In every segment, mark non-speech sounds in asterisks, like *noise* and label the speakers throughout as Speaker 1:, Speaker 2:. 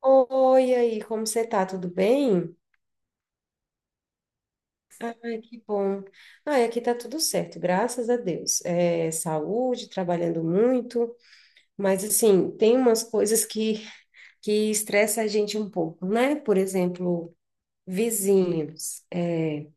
Speaker 1: Oi, e aí, como você tá? Tudo bem? Ai, que bom. Ai, aqui tá tudo certo, graças a Deus. É, saúde, trabalhando muito, mas assim, tem umas coisas que estressa a gente um pouco, né? Por exemplo, vizinhos.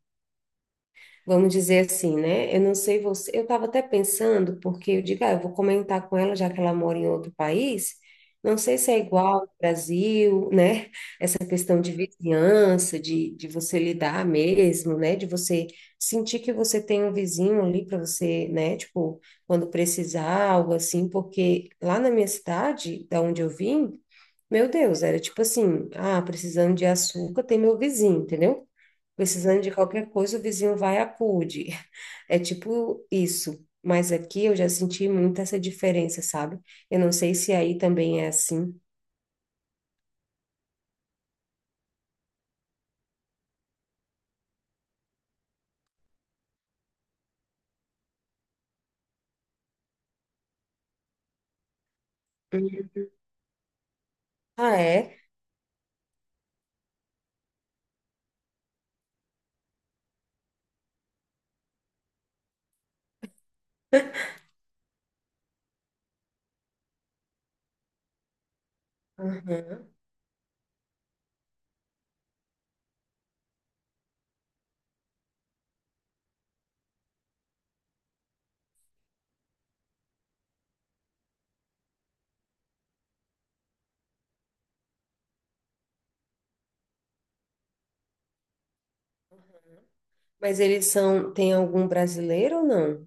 Speaker 1: Vamos dizer assim, né? Eu não sei você. Eu estava até pensando, porque eu digo, ah, eu vou comentar com ela, já que ela mora em outro país. Não sei se é igual ao Brasil, *laughs* né? Essa questão de vizinhança, de você lidar mesmo, né? De você sentir que você tem um vizinho ali para você, né? Tipo, quando precisar, algo assim, porque lá na minha cidade, da onde eu vim, meu Deus, era tipo assim, ah, precisando de açúcar, tem meu vizinho, entendeu? Precisando de qualquer coisa, o vizinho vai e acude. É tipo isso. Mas aqui eu já senti muito essa diferença, sabe? Eu não sei se aí também é assim. Uhum. Ah, é? Aham. Mas eles são. Tem algum brasileiro ou não?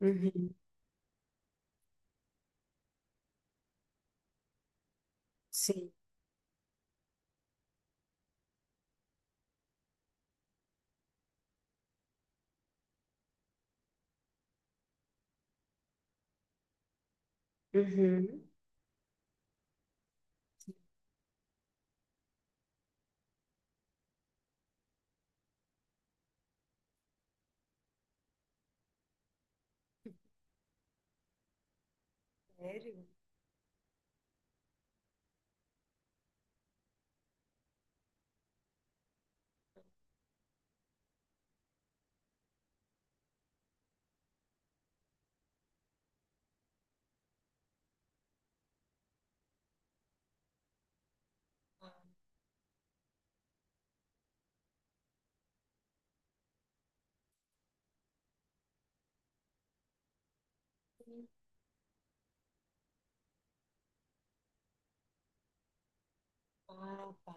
Speaker 1: Uhum. Sim. Uhum. Sério? Ah, tá.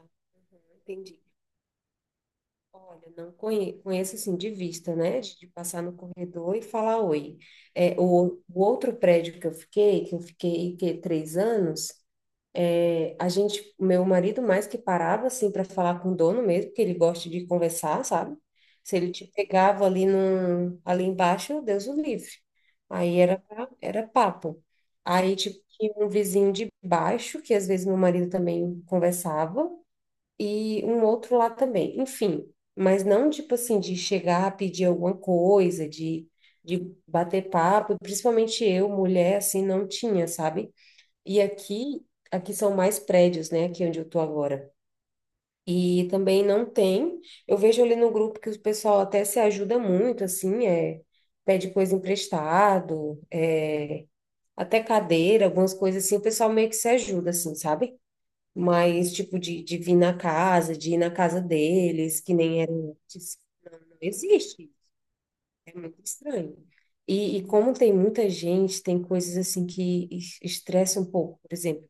Speaker 1: Uhum, entendi. Olha, não conheço assim de vista, né? De passar no corredor e falar oi. É, o outro prédio que eu fiquei, três anos. É, a gente, meu marido mais que parava assim para falar com o dono mesmo, que ele gosta de conversar, sabe? Se ele te pegava ali num, ali embaixo, Deus o livre. Aí era papo. Aí tipo, tinha um vizinho de baixo que às vezes meu marido também conversava e um outro lá também. Enfim, mas não tipo assim de chegar a pedir alguma coisa, de bater papo, principalmente eu, mulher, assim, não tinha, sabe? E aqui, aqui são mais prédios, né? Aqui onde eu tô agora. E também não tem. Eu vejo ali no grupo que o pessoal até se ajuda muito, assim, é, pede coisa emprestado, é, até cadeira, algumas coisas assim, o pessoal meio que se ajuda, assim, sabe? Mas, tipo, de vir na casa, de ir na casa deles, que nem era antes, não, não existe. É muito estranho. E como tem muita gente, tem coisas assim que estressa um pouco. Por exemplo,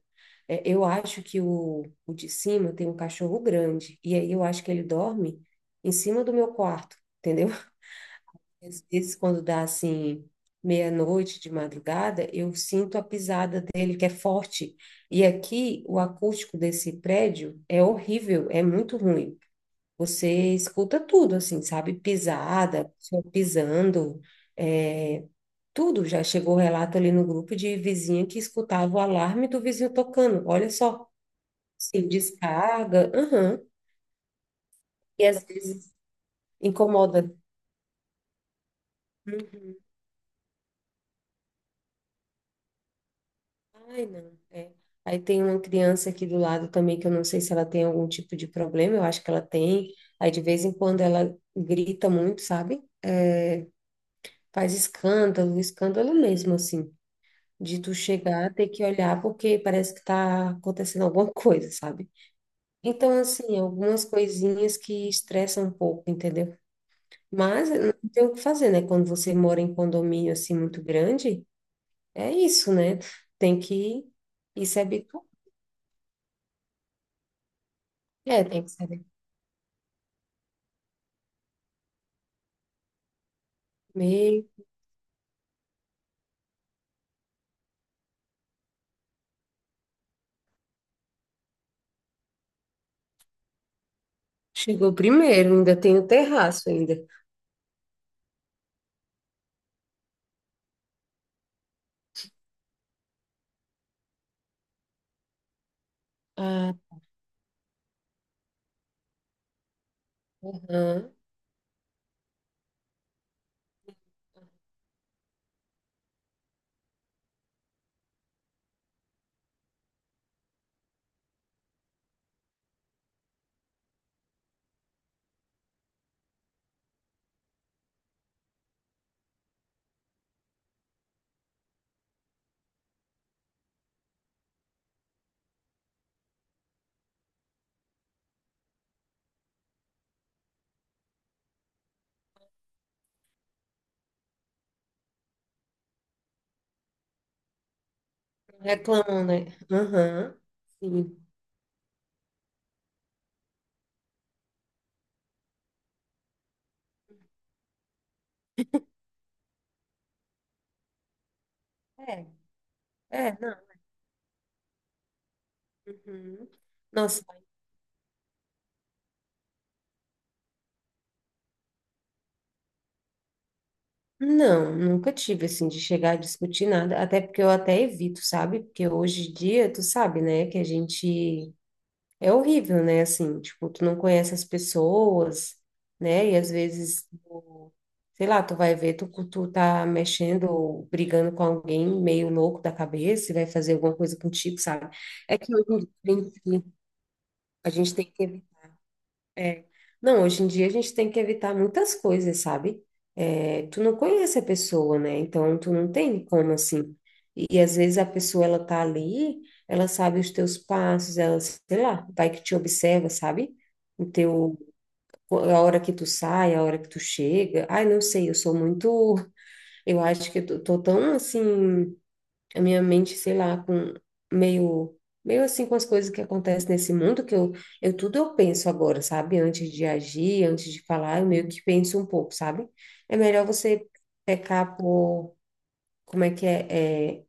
Speaker 1: é, eu acho que o de cima tem um cachorro grande, e aí eu acho que ele dorme em cima do meu quarto, entendeu? *laughs* Às vezes, quando dá assim, meia-noite de madrugada, eu sinto a pisada dele, que é forte. E aqui, o acústico desse prédio é horrível, é muito ruim. Você escuta tudo, assim, sabe? Pisada, pessoa pisando, é, tudo. Já chegou relato ali no grupo de vizinha que escutava o alarme do vizinho tocando. Olha só. Sim, descarga. Aham. E às vezes incomoda. Uhum. Ai, não. É. Aí tem uma criança aqui do lado também que eu não sei se ela tem algum tipo de problema, eu acho que ela tem. Aí de vez em quando ela grita muito, sabe? É, faz escândalo, escândalo mesmo, assim. De tu chegar, ter que olhar porque parece que tá acontecendo alguma *laughs* coisa, sabe? Então, assim, algumas coisinhas que estressam um pouco, entendeu? Mas não tem o que fazer, né? Quando você mora em condomínio assim muito grande, é isso, né? Tem que ir se habituar. É, tem que se habituar. Chegou primeiro, ainda tem o terraço ainda. Ah, aham. Reclamam, né? Aham. Sim. É, é, não. Uhum. Nossa, não, nunca tive assim de chegar a discutir nada, até porque eu até evito, sabe? Porque hoje em dia, tu sabe, né, que a gente. É horrível, né? Assim, tipo, tu não conhece as pessoas, né? E às vezes, sei lá, tu vai ver, tu tá mexendo, ou brigando com alguém meio louco da cabeça e vai fazer alguma coisa contigo, sabe? É que hoje em dia, a gente tem que é. Não, hoje em dia a gente tem que evitar muitas coisas, sabe? É, tu não conhece a pessoa, né? Então tu não tem como assim. E às vezes a pessoa ela tá ali, ela sabe os teus passos, ela, sei lá, vai que te observa, sabe? O teu, a hora que tu sai, a hora que tu chega. Ai, não sei, eu sou muito, eu acho que eu tô tão assim a minha mente, sei lá, com meio meio assim com as coisas que acontecem nesse mundo que eu tudo eu penso agora, sabe? Antes de agir, antes de falar, eu meio que penso um pouco, sabe? É melhor você pecar por como é que é, é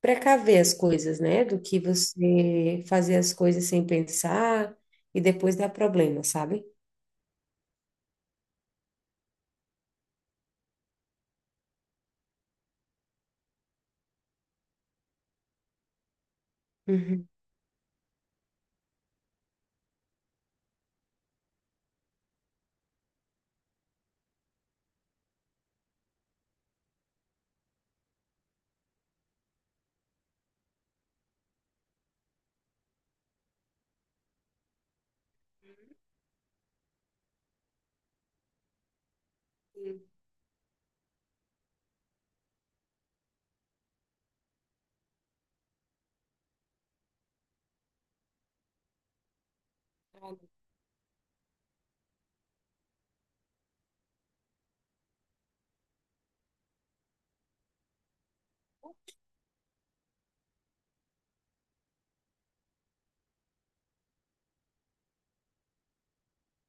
Speaker 1: precaver as coisas, né? Do que você fazer as coisas sem pensar e depois dar problema, sabe? Uhum.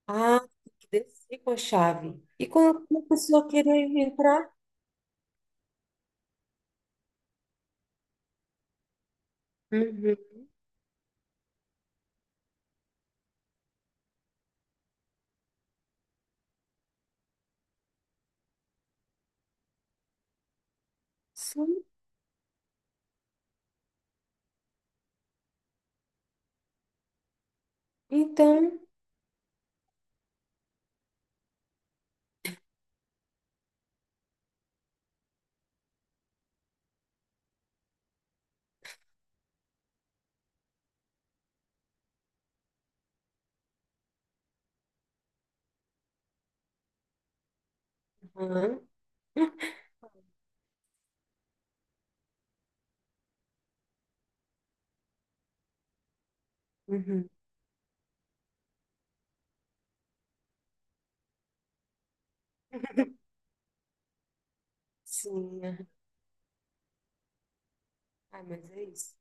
Speaker 1: Ah, tem que descer com a chave. E quando a pessoa querer entrar? Uhum. Sim. Então, hã? Uhum. *laughs* Sim, aham. Ah, mas é isso.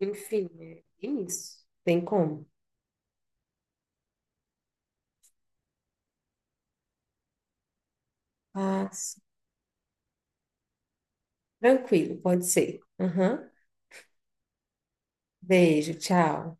Speaker 1: Enfim, é é isso. Tem como. Ah, tranquilo, pode ser. Aham. Beijo, tchau.